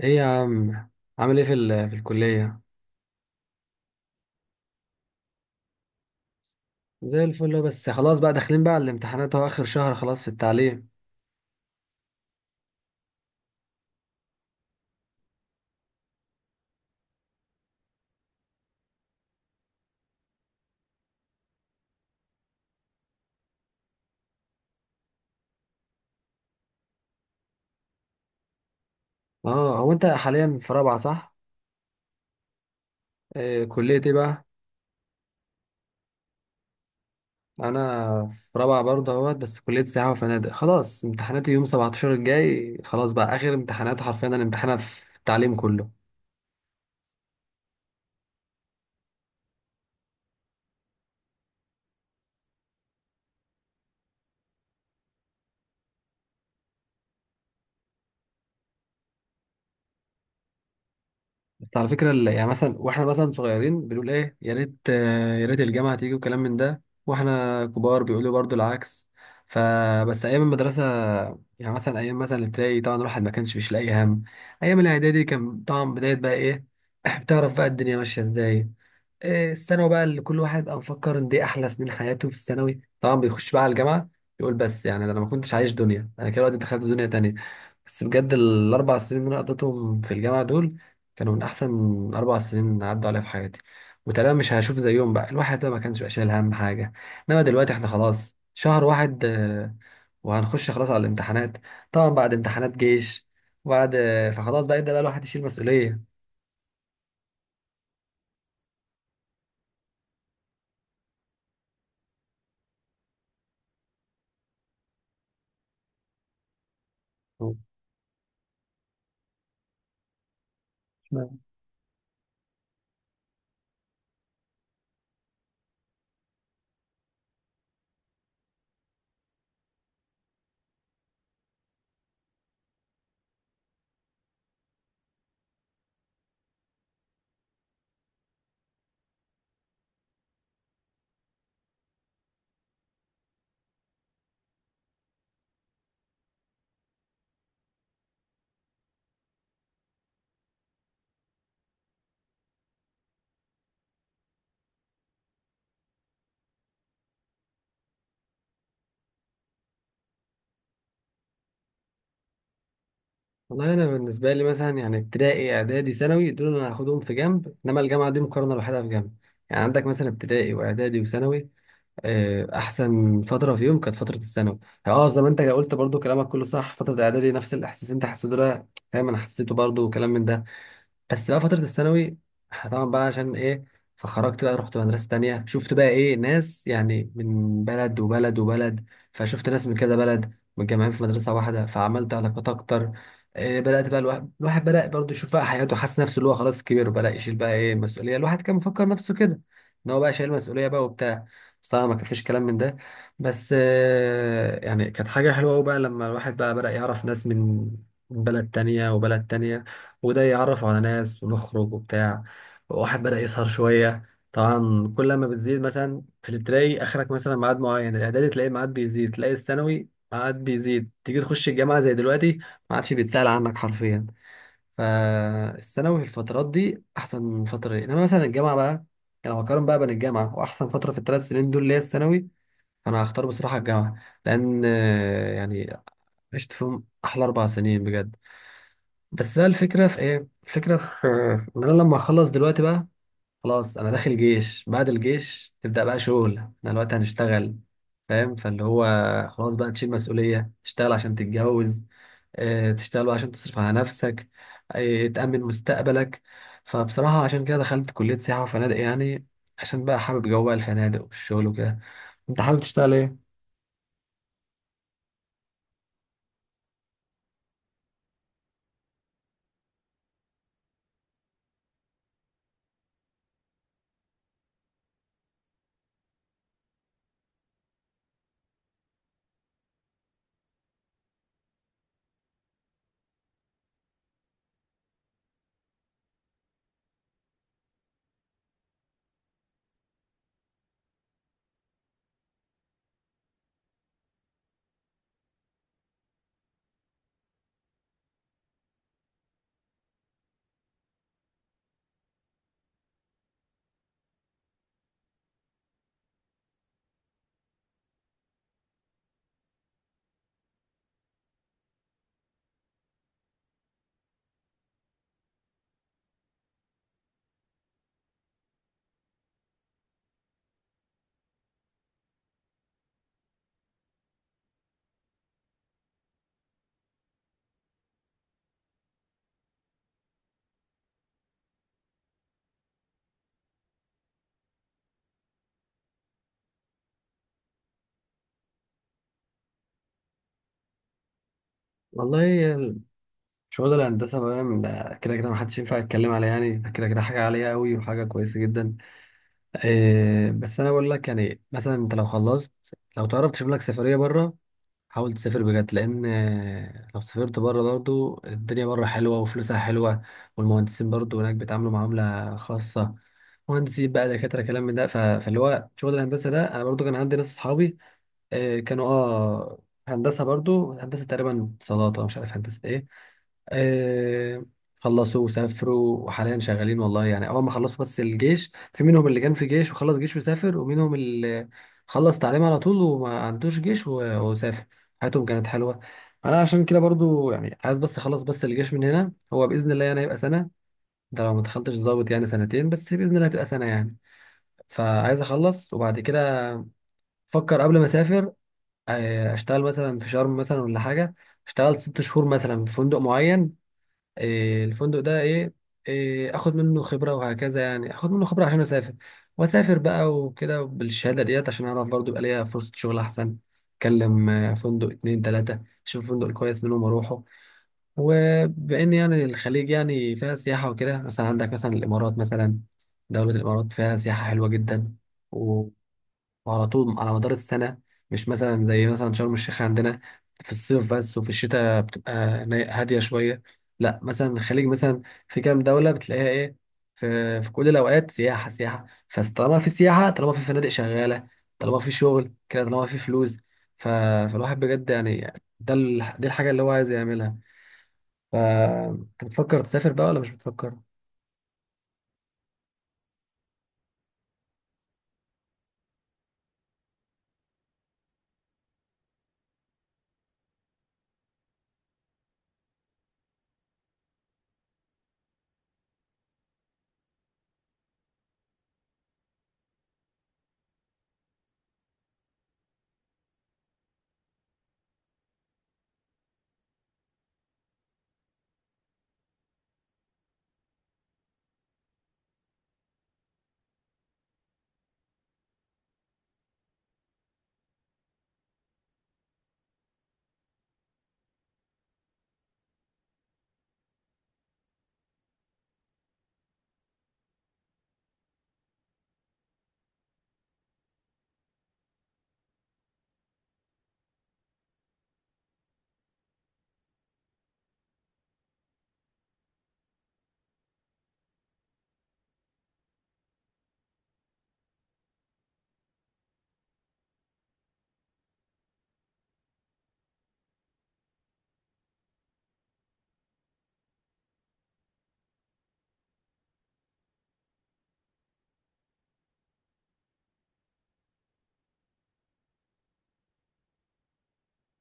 ايه يا عم، عامل ايه في الكلية؟ زي الفل أهو، بس خلاص بقى داخلين بقى على الامتحانات اهو، اخر شهر خلاص في التعليم. اه، هو انت حاليا في رابعة صح؟ إيه كلية ايه بقى؟ انا في رابعة برضه اهوت، بس كلية سياحة وفنادق. خلاص امتحاناتي يوم 17 الجاي، خلاص بقى اخر امتحانات حرفيا انا امتحانها في التعليم كله. بس على فكرة، يعني مثلا واحنا مثلا صغيرين بنقول ايه، يا ريت يا ريت الجامعة تيجي وكلام من ده، واحنا كبار بيقولوا برضو العكس. فبس ايام المدرسة، يعني مثلا ايام مثلا الابتدائي طبعا الواحد ما كانش مش لاقي هم، ايام الاعدادي كان طبعا بداية بقى ايه، بتعرف بقى الدنيا ماشية ازاي. الثانوي بقى اللي كل واحد بقى مفكر ان دي احلى سنين حياته، في الثانوي طبعا بيخش بقى على الجامعه، يقول بس يعني ده انا ما كنتش عايش دنيا، انا كده دلوقتي دخلت دنيا تانية. بس بجد ال4 سنين اللي انا قضيتهم في الجامعه دول كانوا من احسن 4 سنين عدوا عليا في حياتي، وتقريبا مش هشوف زيهم بقى. الواحد بقى ما كانش بقى شايل هم حاجه، انما دلوقتي احنا خلاص شهر واحد، وهنخش خلاص على الامتحانات. طبعا بعد امتحانات جيش، وبعد فخلاص بقى يبدا بقى الواحد يشيل مسؤوليه. والله انا بالنسبه لي مثلا يعني ابتدائي اعدادي ثانوي دول انا هاخدهم في جنب، انما الجامعه دي مقارنه لوحدها في جنب. يعني عندك مثلا ابتدائي واعدادي وثانوي، احسن فتره فيهم كانت فتره الثانوي. يعني زي ما انت قلت برضو كلامك كله صح، فتره اعدادي نفس الاحساس اللي انت حسيته ده فاهم، انا حسيته برضو وكلام من ده. بس بقى فترة الثانوي، إحنا طبعا بقى عشان ايه، فخرجت بقى رحت مدرسة تانية، شفت بقى ايه ناس يعني من بلد وبلد وبلد، فشفت ناس من كذا بلد متجمعين في مدرسة واحدة، فعملت علاقات أكتر. إيه، بدأت بقى الواحد بدأ برضه يشوف بقى حياته، حاسس نفسه اللي هو خلاص كبير، وبدأ يشيل بقى ايه المسؤولية، الواحد كان مفكر نفسه كده إن هو بقى شايل مسؤولية بقى وبتاع. بس طبعا ما كان فيش كلام من ده، بس يعني كانت حاجة حلوة أوي بقى لما الواحد بقى بدأ يعرف ناس من بلد تانية وبلد تانية، وده يعرف على ناس ونخرج وبتاع. واحد بدأ يسهر شوية، طبعا كل ما بتزيد مثلا في الابتدائي آخرك مثلا ميعاد معين، الإعدادي تلاقي ميعاد بيزيد، تلاقي الثانوي ميعاد بيزيد، تيجي تخش الجامعة زي دلوقتي ما عادش بيتسأل عنك حرفيا. فالثانوي في الفترات دي أحسن فترة ليه. إنما مثلا الجامعة بقى، أنا بقارن بقى بين الجامعة وأحسن فترة في ال3 سنين دول اللي هي الثانوي، فأنا هختار بصراحة الجامعة، لأن يعني عشت فيهم أحلى 4 سنين بجد. بس بقى الفكرة في ايه، الفكرة في ان انا لما اخلص دلوقتي بقى، خلاص انا داخل جيش، بعد الجيش تبدأ بقى شغل، احنا دلوقتي هنشتغل فاهم، فاللي هو خلاص بقى تشيل مسؤولية، تشتغل عشان تتجوز، تشتغل بقى عشان تصرف على نفسك، تأمن مستقبلك. فبصراحة عشان كده دخلت كلية سياحة وفنادق، يعني عشان بقى حابب جو بقى الفنادق والشغل وكده. انت حابب تشتغل ايه؟ والله شغل الهندسة بقى، ده كده كده محدش ينفع يتكلم عليها يعني، ده كده كده حاجة عالية قوي وحاجة كويسة جدا. إيه بس انا بقول لك، يعني مثلا انت لو خلصت، لو تعرف تشوف لك سفريه بره حاول تسافر بجد، لان لو سافرت بره برضو الدنيا بره حلوه وفلوسها حلوه، والمهندسين برضو هناك بيتعاملوا معامله خاصه، مهندسين بقى دكاتره كلام من ده. فاللي هو شغل الهندسه ده، انا برضو كان عندي ناس اصحابي كانوا هندسة، برضو هندسة تقريبا اتصالات أو مش عارف هندسة ايه. آه، خلصوا وسافروا وحاليا شغالين والله، يعني اول ما خلصوا بس الجيش، في منهم اللي كان في جيش وخلص جيش وسافر، ومنهم اللي خلص تعليم على طول وما عندوش جيش و- وسافر. حياتهم كانت حلوة. انا عشان كده برضو يعني عايز بس اخلص بس الجيش من هنا، هو باذن الله يعني هيبقى سنة، ده لو ما دخلتش ضابط يعني سنتين، بس باذن الله هتبقى سنة يعني. فعايز اخلص، وبعد كده فكر قبل ما اسافر، اشتغل مثلا في شرم مثلا ولا حاجه، اشتغل 6 شهور مثلا في فندق معين، الفندق ده ايه، اخد منه خبره وهكذا، يعني اخد منه خبره عشان اسافر، واسافر بقى وكده بالشهاده ديت عشان اعرف برضو يبقى ليا فرصه شغل احسن. اكلم فندق اتنين تلاته، اشوف الفندق الكويس منهم اروحه. وبان يعني الخليج يعني فيها سياحه وكده، مثلا عندك مثلا الامارات مثلا، دوله الامارات فيها سياحه حلوه جدا، وعلى طول على مدار السنة، مش مثلا زي مثلا شرم الشيخ عندنا في الصيف بس، وفي الشتاء بتبقى هادية شوية. لا مثلا الخليج مثلا في كام دولة بتلاقيها ايه، في كل الأوقات سياحة سياحة، فطالما في سياحة طالما في فنادق شغالة، طالما في شغل كده طالما في فلوس. ف... فالواحد بجد يعني، دي الحاجة اللي هو عايز يعملها. انت بتفكر تسافر بقى ولا مش بتفكر؟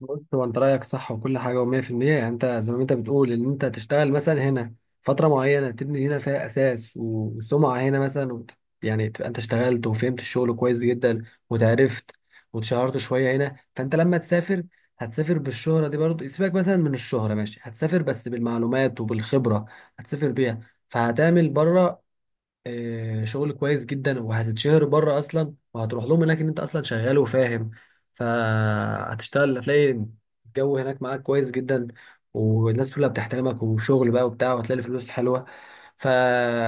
بص، هو انت رايك صح وكل حاجه و100%، يعني انت زي ما انت بتقول ان انت تشتغل مثلا هنا فتره معينه تبني هنا فيها اساس، وسمعه هنا مثلا، يعني تبقى انت اشتغلت وفهمت الشغل كويس جدا، وتعرفت واتشهرت شويه هنا، فانت لما تسافر هتسافر بالشهره دي برضه. سيبك مثلا من الشهره ماشي، هتسافر بس بالمعلومات وبالخبره، هتسافر بيها، فهتعمل بره شغل كويس جدا، وهتتشهر بره اصلا، وهتروح لهم هناك ان انت اصلا شغال وفاهم. فهتشتغل، هتلاقي الجو هناك معاك كويس جدا، والناس كلها بتحترمك، وشغل بقى وبتاع، وهتلاقي الفلوس حلوه. ف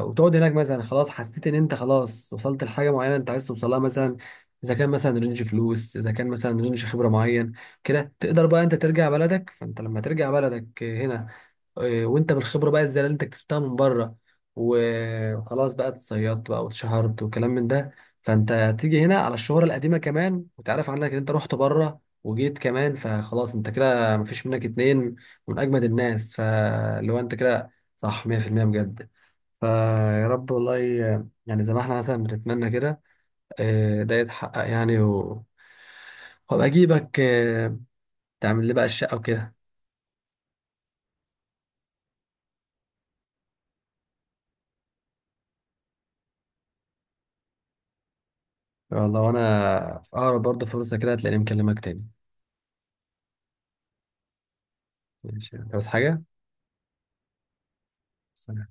وتقعد هناك مثلا، خلاص حسيت ان انت خلاص وصلت لحاجه معينه انت عايز توصلها، مثلا اذا كان مثلا رينج فلوس، اذا كان مثلا رينج خبره معين، كده تقدر بقى انت ترجع بلدك. فانت لما ترجع بلدك هنا إيه، وانت بالخبره بقى الزياده اللي انت كسبتها من بره، وخلاص بقى اتصيدت بقى واتشهرت وكلام من ده، فانت تيجي هنا على الشهره القديمه كمان، وتعرف عنك ان انت رحت بره وجيت كمان، فخلاص انت كده مفيش منك اتنين، من اجمد الناس. فلو انت كده صح 100%، بجد. فيا رب والله، يعني زي ما احنا مثلا بنتمنى كده، إيه، ده يتحقق يعني، وابقى اجيبك إيه، تعمل لي بقى الشقه وكده. والله وانا في اقرب برضه فرصة كده هتلاقيني مكلمك تاني. ماشي انت بس حاجة. سلام.